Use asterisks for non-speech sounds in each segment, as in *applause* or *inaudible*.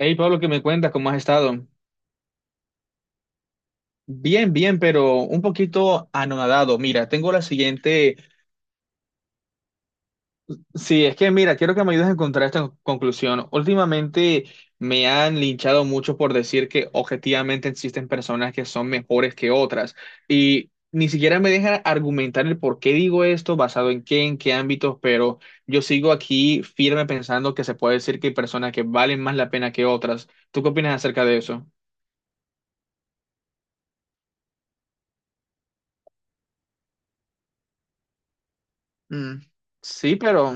Hey Pablo, ¿qué me cuentas? ¿Cómo has estado? Bien, bien, pero un poquito anonadado. Mira, tengo la siguiente. Sí, es que mira, quiero que me ayudes a encontrar esta conclusión. Últimamente me han linchado mucho por decir que objetivamente existen personas que son mejores que otras y ni siquiera me dejan argumentar el por qué digo esto, basado en qué ámbitos, pero yo sigo aquí firme pensando que se puede decir que hay personas que valen más la pena que otras. ¿Tú qué opinas acerca de eso? Mm. Sí, pero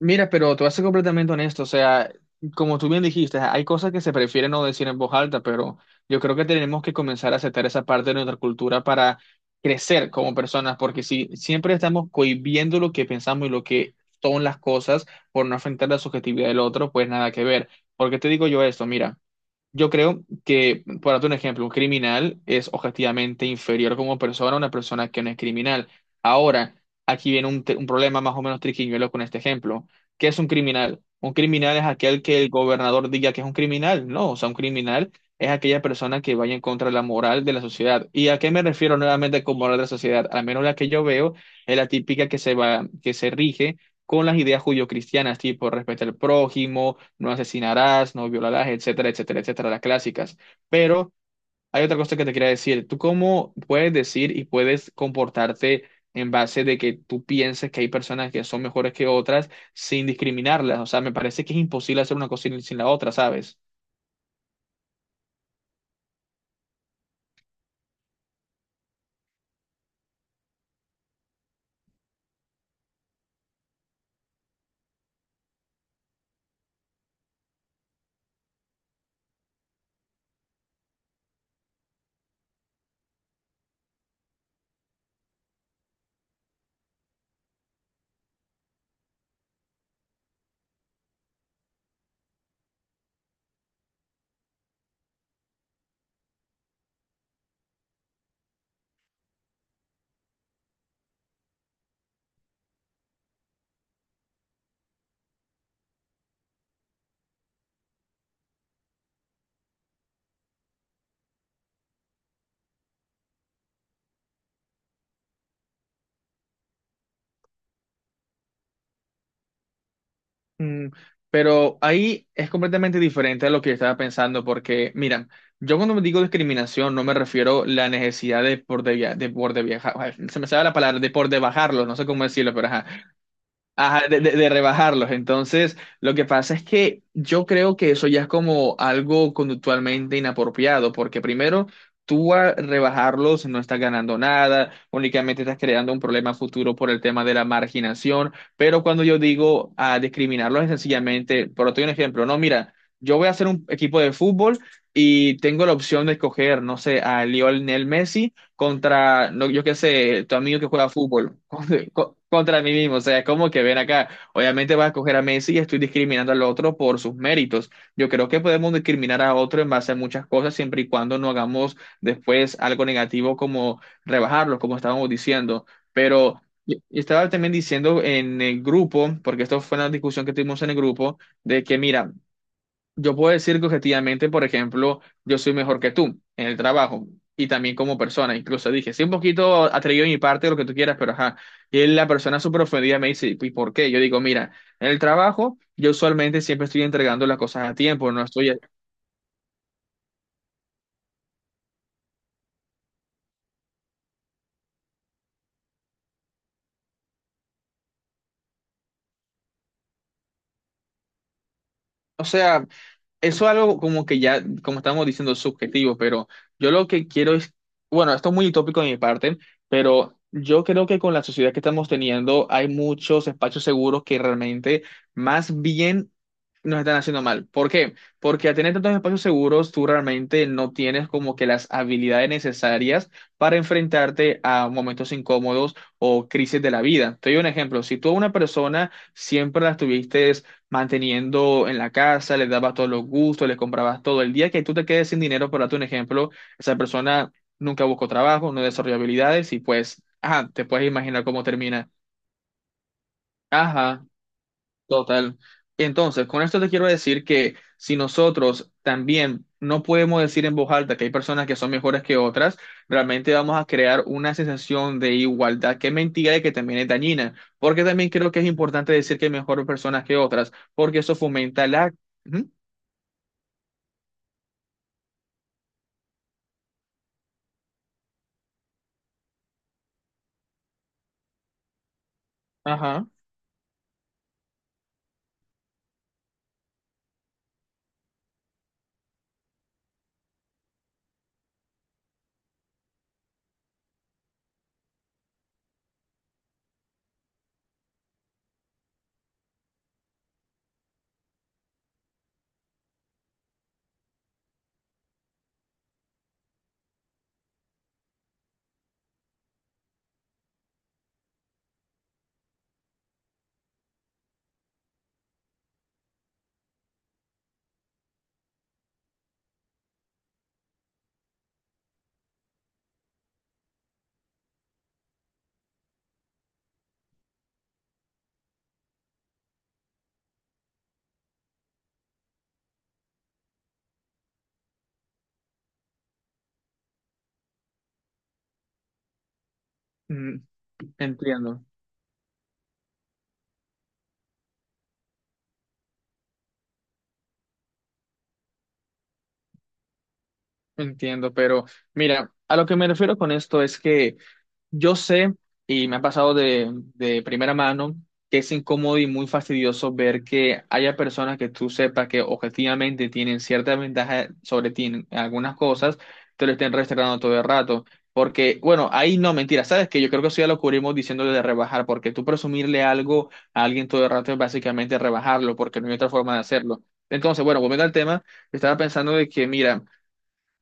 mira, pero te voy a ser completamente honesto, o sea, como tú bien dijiste, hay cosas que se prefieren no decir en voz alta, pero yo creo que tenemos que comenzar a aceptar esa parte de nuestra cultura para crecer como personas, porque si siempre estamos cohibiendo lo que pensamos y lo que son las cosas por no afectar la subjetividad del otro, pues nada que ver. ¿Por qué te digo yo esto? Mira, yo creo que, por darte ejemplo, un criminal es objetivamente inferior como persona a una persona que no es criminal. Ahora, aquí viene un, un problema más o menos triquiñuelo con este ejemplo. ¿Qué es un criminal? Un criminal es aquel que el gobernador diga que es un criminal. No, o sea, un criminal es aquella persona que vaya en contra de la moral de la sociedad. ¿Y a qué me refiero nuevamente con moral de la sociedad? Al menos la que yo veo es la típica que se va, que se rige con las ideas judio-cristianas, tipo respeto al prójimo, no asesinarás, no violarás, etcétera, etcétera, etcétera, las clásicas. Pero hay otra cosa que te quería decir. ¿Tú cómo puedes decir y puedes comportarte en base de que tú pienses que hay personas que son mejores que otras sin discriminarlas? O sea, me parece que es imposible hacer una cosa sin la otra, ¿sabes? Mm, pero ahí es completamente diferente a lo que estaba pensando, porque, mira, yo cuando me digo discriminación no me refiero a la necesidad de por de, via- de, por de viajar, ay, se me sale la palabra, de por de bajarlo, no sé cómo decirlo, pero ajá. Ajá, de rebajarlos. Entonces, lo que pasa es que yo creo que eso ya es como algo conductualmente inapropiado, porque primero, tú a rebajarlos no estás ganando nada, únicamente estás creando un problema futuro por el tema de la marginación, pero cuando yo digo a discriminarlos es sencillamente, por doy un ejemplo, no, mira, yo voy a hacer un equipo de fútbol y tengo la opción de escoger, no sé, a Lionel Messi contra, no, yo qué sé, tu amigo que juega fútbol, *laughs* contra, contra mí mismo. O sea, es como que ven acá. Obviamente vas a escoger a Messi y estoy discriminando al otro por sus méritos. Yo creo que podemos discriminar a otro en base a muchas cosas, siempre y cuando no hagamos después algo negativo como rebajarlo, como estábamos diciendo. Pero y estaba también diciendo en el grupo, porque esto fue una discusión que tuvimos en el grupo, de que, mira, yo puedo decir que objetivamente, por ejemplo, yo soy mejor que tú en el trabajo y también como persona. Incluso dije, sí, un poquito atrevido de mi parte, lo que tú quieras, pero ajá. Y la persona súper ofendida me dice, ¿y por qué? Yo digo, mira, en el trabajo yo usualmente siempre estoy entregando las cosas a tiempo, no estoy, o sea, eso es algo como que ya, como estamos diciendo, subjetivo, pero yo lo que quiero es, bueno, esto es muy utópico de mi parte, pero yo creo que con la sociedad que estamos teniendo hay muchos espacios seguros que realmente más bien nos están haciendo mal. ¿Por qué? Porque al tener tantos espacios seguros, tú realmente no tienes como que las habilidades necesarias para enfrentarte a momentos incómodos o crisis de la vida. Te doy un ejemplo. Si tú a una persona siempre la estuviste manteniendo en la casa, les dabas todos los gustos, les comprabas todo. El día que tú te quedes sin dinero, por darte un ejemplo, esa persona nunca buscó trabajo, no desarrolló habilidades y pues, ajá, te puedes imaginar cómo termina. Ajá, total. Entonces, con esto te quiero decir que si nosotros también no podemos decir en voz alta que hay personas que son mejores que otras, realmente vamos a crear una sensación de igualdad que es mentira y que también es dañina, porque también creo que es importante decir que hay mejores personas que otras, porque eso fomenta la... Ujú. Ajá, mm, entiendo, entiendo, pero mira, a lo que me refiero con esto es que yo sé, y me ha pasado de primera mano, que es incómodo y muy fastidioso ver que haya personas que tú sepas que objetivamente tienen cierta ventaja sobre ti en algunas cosas, te lo estén restregando todo el rato. Porque, bueno, ahí no, mentira, ¿sabes que yo creo que eso ya lo cubrimos diciéndole de rebajar, porque tú presumirle algo a alguien todo el rato es básicamente rebajarlo, porque no hay otra forma de hacerlo? Entonces, bueno, volviendo al tema, estaba pensando de que, mira,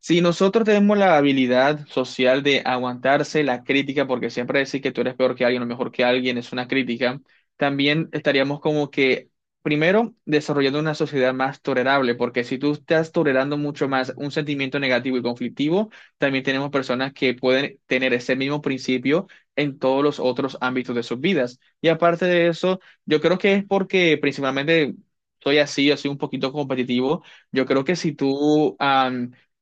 si nosotros tenemos la habilidad social de aguantarse la crítica, porque siempre decir que tú eres peor que alguien o mejor que alguien es una crítica, también estaríamos como que, primero, desarrollando una sociedad más tolerable, porque si tú estás tolerando mucho más un sentimiento negativo y conflictivo, también tenemos personas que pueden tener ese mismo principio en todos los otros ámbitos de sus vidas. Y aparte de eso, yo creo que es porque principalmente soy así, yo soy un poquito competitivo. Yo creo que si tú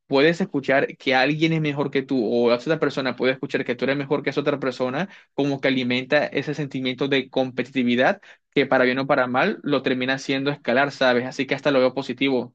puedes escuchar que alguien es mejor que tú o la otra persona puede escuchar que tú eres mejor que esa otra persona, como que alimenta ese sentimiento de competitividad que para bien o para mal lo termina haciendo escalar, ¿sabes? Así que hasta lo veo positivo.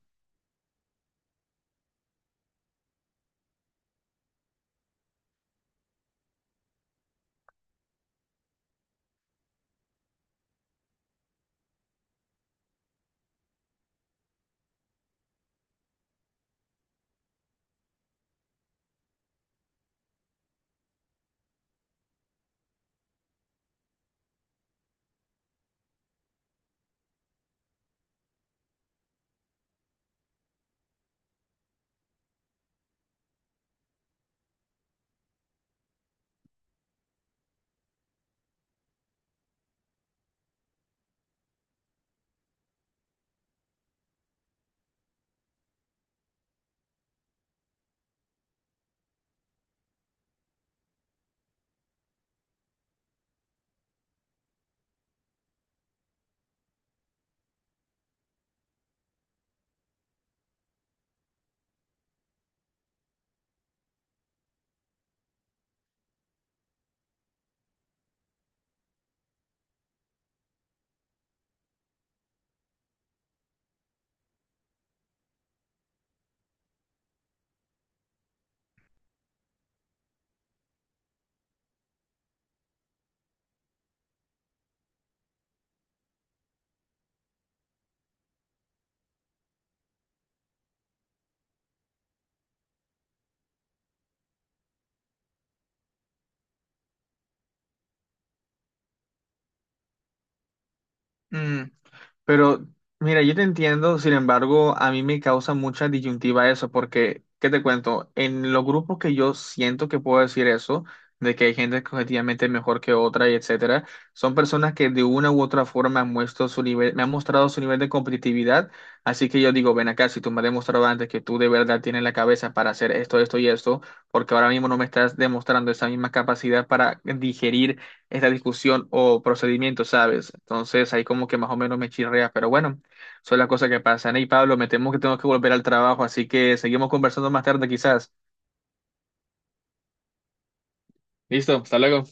Mm, pero mira, yo te entiendo, sin embargo, a mí me causa mucha disyuntiva eso, porque, ¿qué te cuento? En los grupos que yo siento que puedo decir eso, de que hay gente que objetivamente es mejor que otra y etcétera, son personas que de una u otra forma han muestro su nivel, me han mostrado su nivel de competitividad, así que yo digo, ven acá, si tú me has demostrado antes que tú de verdad tienes la cabeza para hacer esto, esto y esto, porque ahora mismo no me estás demostrando esa misma capacidad para digerir esta discusión o procedimiento, ¿sabes? Entonces ahí como que más o menos me chirrea, pero bueno, son las cosas que pasan. Y Pablo, me temo que tengo que volver al trabajo, así que seguimos conversando más tarde quizás. Listo, hasta luego.